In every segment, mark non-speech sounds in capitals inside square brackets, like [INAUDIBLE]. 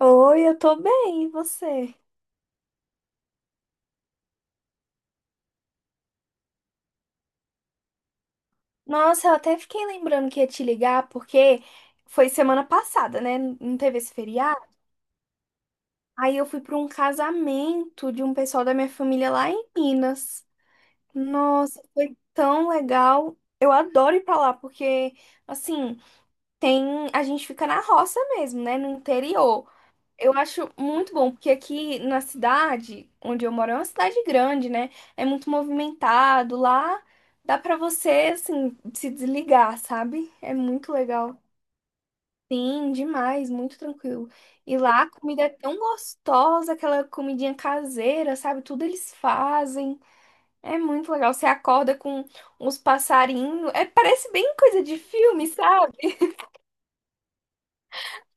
Oi, eu tô bem, e você? Nossa, eu até fiquei lembrando que ia te ligar porque foi semana passada, né? Não teve esse feriado. Aí eu fui pra um casamento de um pessoal da minha família lá em Minas. Nossa, foi tão legal. Eu adoro ir pra lá porque, assim, tem a gente fica na roça mesmo, né? No interior. Eu acho muito bom, porque aqui na cidade onde eu moro é uma cidade grande, né? É muito movimentado. Lá dá pra você, assim, se desligar, sabe? É muito legal. Sim, demais, muito tranquilo. E lá a comida é tão gostosa, aquela comidinha caseira, sabe? Tudo eles fazem. É muito legal. Você acorda com uns passarinhos. É, parece bem coisa de filme, sabe?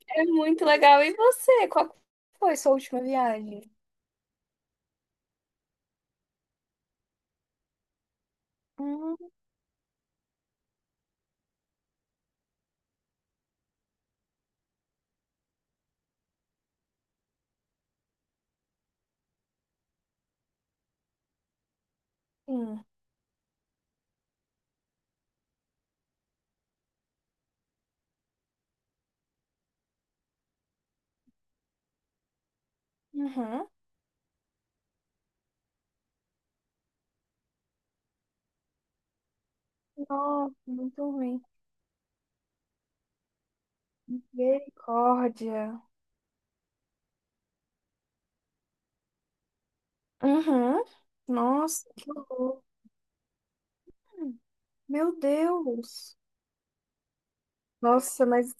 É muito legal. E você, qual foi sua última viagem? Hum, sim. Uhum. Nossa, muito ruim. Misericórdia. Uhum. Nossa, que horror. Meu Deus. Nossa, mas.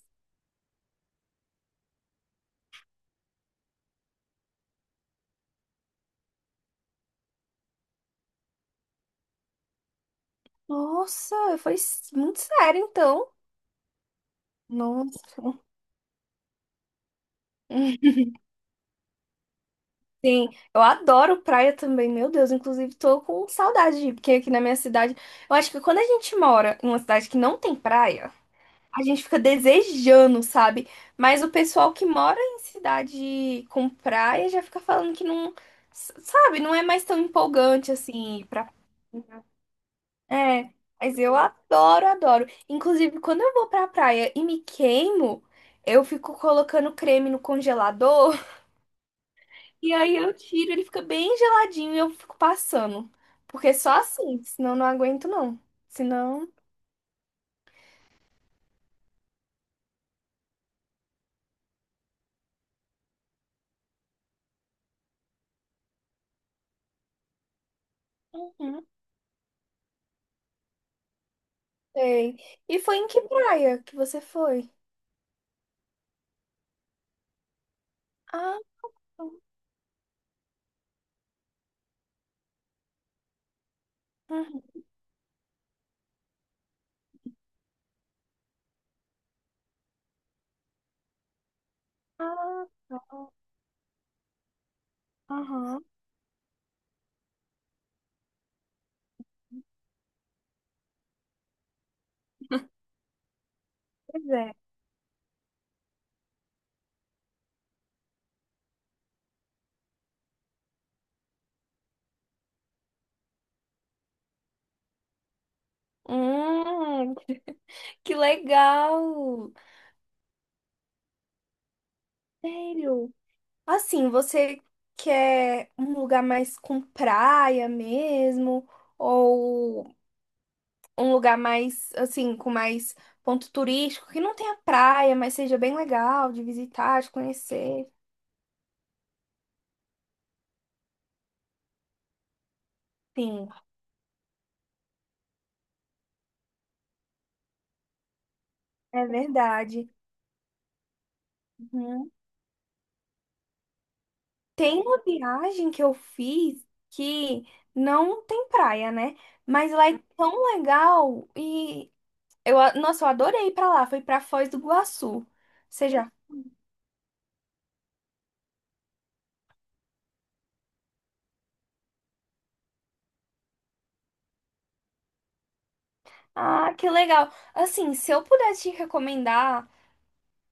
Nossa, muito sério, então. Nossa. Hum, Sim, eu adoro praia também, meu Deus. Inclusive, tô com saudade de ir, porque aqui na minha cidade, eu acho que quando a gente mora em uma cidade que não tem praia, a gente fica desejando, sabe? Mas o pessoal que mora em cidade com praia já fica falando que não, sabe, não é mais tão empolgante assim ir pra. É, mas eu adoro, adoro. Inclusive, quando eu vou pra praia e me queimo, eu fico colocando creme no congelador [LAUGHS] e aí eu tiro, ele fica bem geladinho e eu fico passando. Porque só assim, senão não aguento não. Senão, uhum, sei. E foi em que praia que você foi? Ah. Uhum. Ah, tá. Aham, pois é. Hum, que legal! Sério? Assim, você quer um lugar mais com praia mesmo? Ou um lugar mais, assim, com mais ponto turístico, que não tenha praia, mas seja bem legal de visitar, de conhecer? Sim, é verdade. Uhum. Tem uma viagem que eu fiz que não tem praia, né? Mas lá é tão legal e nossa, eu adorei ir pra lá. Foi pra Foz do Iguaçu. Seja, ah, que legal. Assim, se eu pudesse te recomendar,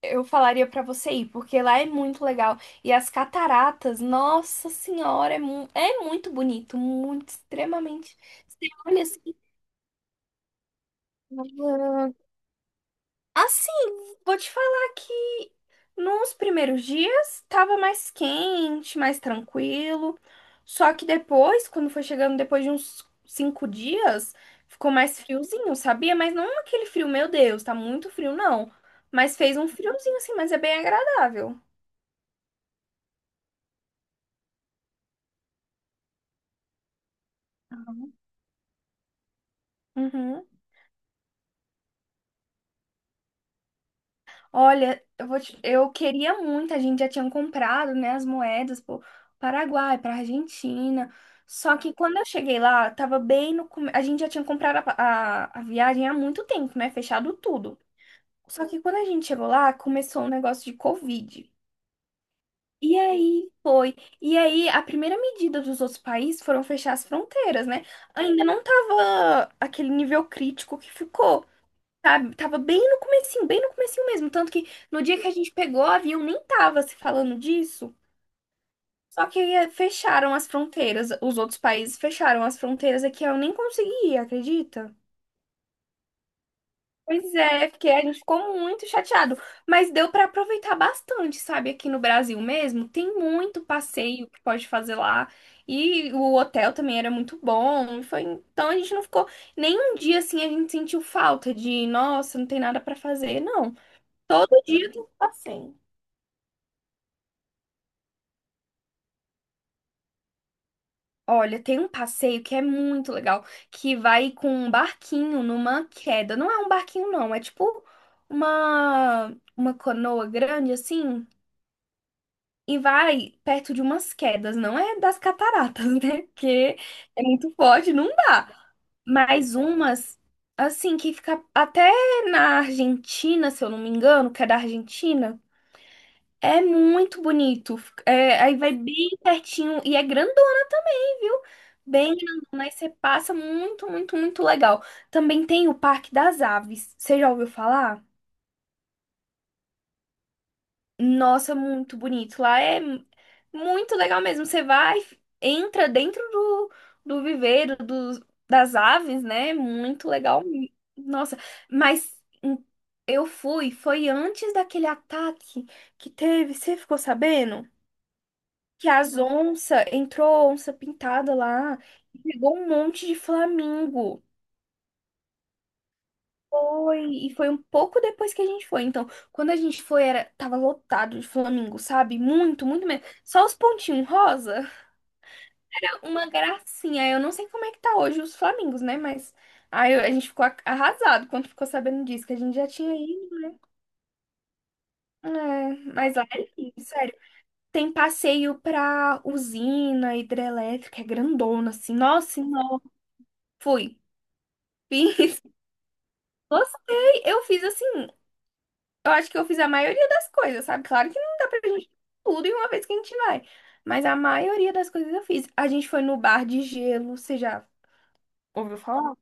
eu falaria pra você ir, porque lá é muito legal. E as cataratas, nossa senhora, é, é muito bonito, muito extremamente. Você olha assim, assim, vou te falar que nos primeiros dias tava mais quente, mais tranquilo. Só que depois, quando foi chegando depois de uns 5 dias, ficou mais friozinho, sabia? Mas não aquele frio, meu Deus, tá muito frio, não. Mas fez um friozinho assim, mas é bem agradável. Uhum. Olha, eu queria muito, a gente já tinha comprado, né, as moedas pro Paraguai, pra Argentina. Só que quando eu cheguei lá, tava bem no come... a gente já tinha comprado a viagem há muito tempo, né, fechado tudo. Só que quando a gente chegou lá, começou um negócio de Covid. E aí, e aí a primeira medida dos outros países foram fechar as fronteiras, né? Ainda não tava aquele nível crítico que ficou, sabe? Tava bem no comecinho mesmo. Tanto que no dia que a gente pegou o avião, nem tava se falando disso. Só que fecharam as fronteiras, os outros países fecharam as fronteiras aqui, eu nem consegui ir, acredita? Pois é, porque a gente ficou muito chateado, mas deu pra aproveitar bastante, sabe? Aqui no Brasil mesmo, tem muito passeio que pode fazer lá, e o hotel também era muito bom, foi, então a gente não ficou, nem um dia assim a gente sentiu falta de, nossa, não tem nada pra fazer, não. Todo dia tem um passeio. Olha, tem um passeio que é muito legal, que vai com um barquinho numa queda. Não é um barquinho, não, é tipo uma canoa grande assim, e vai perto de umas quedas. Não é das cataratas, [LAUGHS] né? Porque é muito forte, não dá. Mas umas, assim, que fica até na Argentina, se eu não me engano, que é da Argentina. É muito bonito. É, aí vai bem pertinho e é grande, viu? Bem, mas você passa muito, muito, muito legal. Também tem o Parque das Aves. Você já ouviu falar? Nossa, muito bonito. Lá é muito legal mesmo. Você vai, entra dentro do, do viveiro dos, das aves, né? Muito legal. Nossa, mas hum, eu fui, foi antes daquele ataque que teve, você ficou sabendo? Que as onças, entrou onça pintada lá e pegou um monte de flamingo. Foi, e foi um pouco depois que a gente foi. Então, quando a gente foi, era, tava lotado de flamingo, sabe? Muito, muito mesmo. Só os pontinhos rosa. Era uma gracinha. Eu não sei como é que tá hoje os flamingos, né? Mas aí a gente ficou arrasado quando ficou sabendo disso, que a gente já tinha ido. É, mas lá é lindo, sério. Tem passeio pra usina hidrelétrica, é grandona, assim. Nossa, não. Fui. Fiz. [LAUGHS] Gostei. Eu fiz assim. Eu acho que eu fiz a maioria das coisas, sabe? Claro que não dá pra gente fazer tudo em uma vez que a gente vai. Mas a maioria das coisas eu fiz. A gente foi no bar de gelo, você já ouviu falar?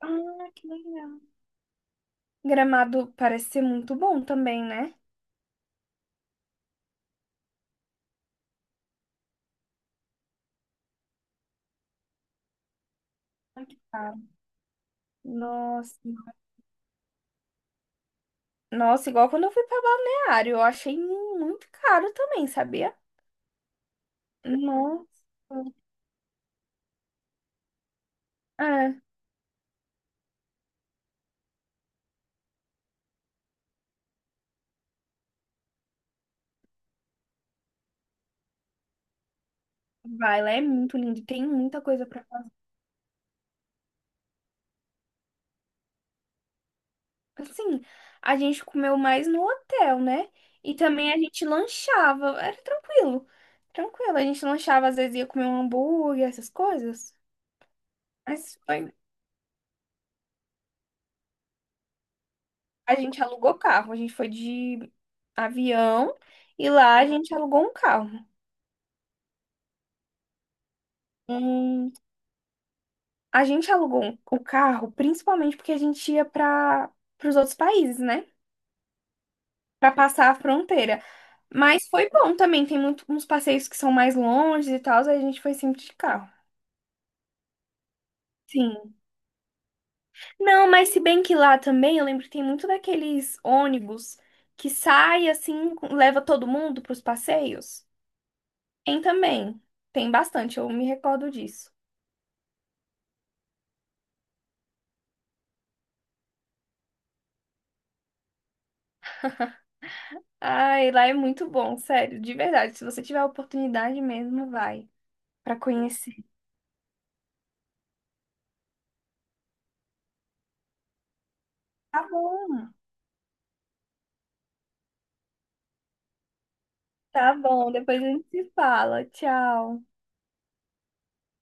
Ah, que legal. Gramado parece ser muito bom também, né? Ai, que caro. Nossa. Nossa, igual quando eu fui pra Balneário, eu achei muito caro também, sabia? Nossa. É. Vai, lá é muito lindo, tem muita coisa pra. Assim, a gente comeu mais no hotel, né? E também a gente lanchava, era tranquilo. Tranquilo, a gente lanchava, às vezes ia comer um hambúrguer, essas coisas. Mas a gente alugou carro, a gente foi de avião e lá a gente alugou um carro. Hum, a gente alugou o carro principalmente porque a gente ia para os outros países, né? Para passar a fronteira. Mas foi bom também, tem muito, uns passeios que são mais longe e tal, aí a gente foi sempre de carro. Sim. Não, mas se bem que lá também, eu lembro que tem muito daqueles ônibus que sai assim, leva todo mundo para os passeios. Tem também. Tem bastante, eu me recordo disso. Ai, lá é muito bom, sério, de verdade. Se você tiver a oportunidade mesmo, vai para conhecer. Tá bom. Tá bom, depois a gente se fala. Tchau.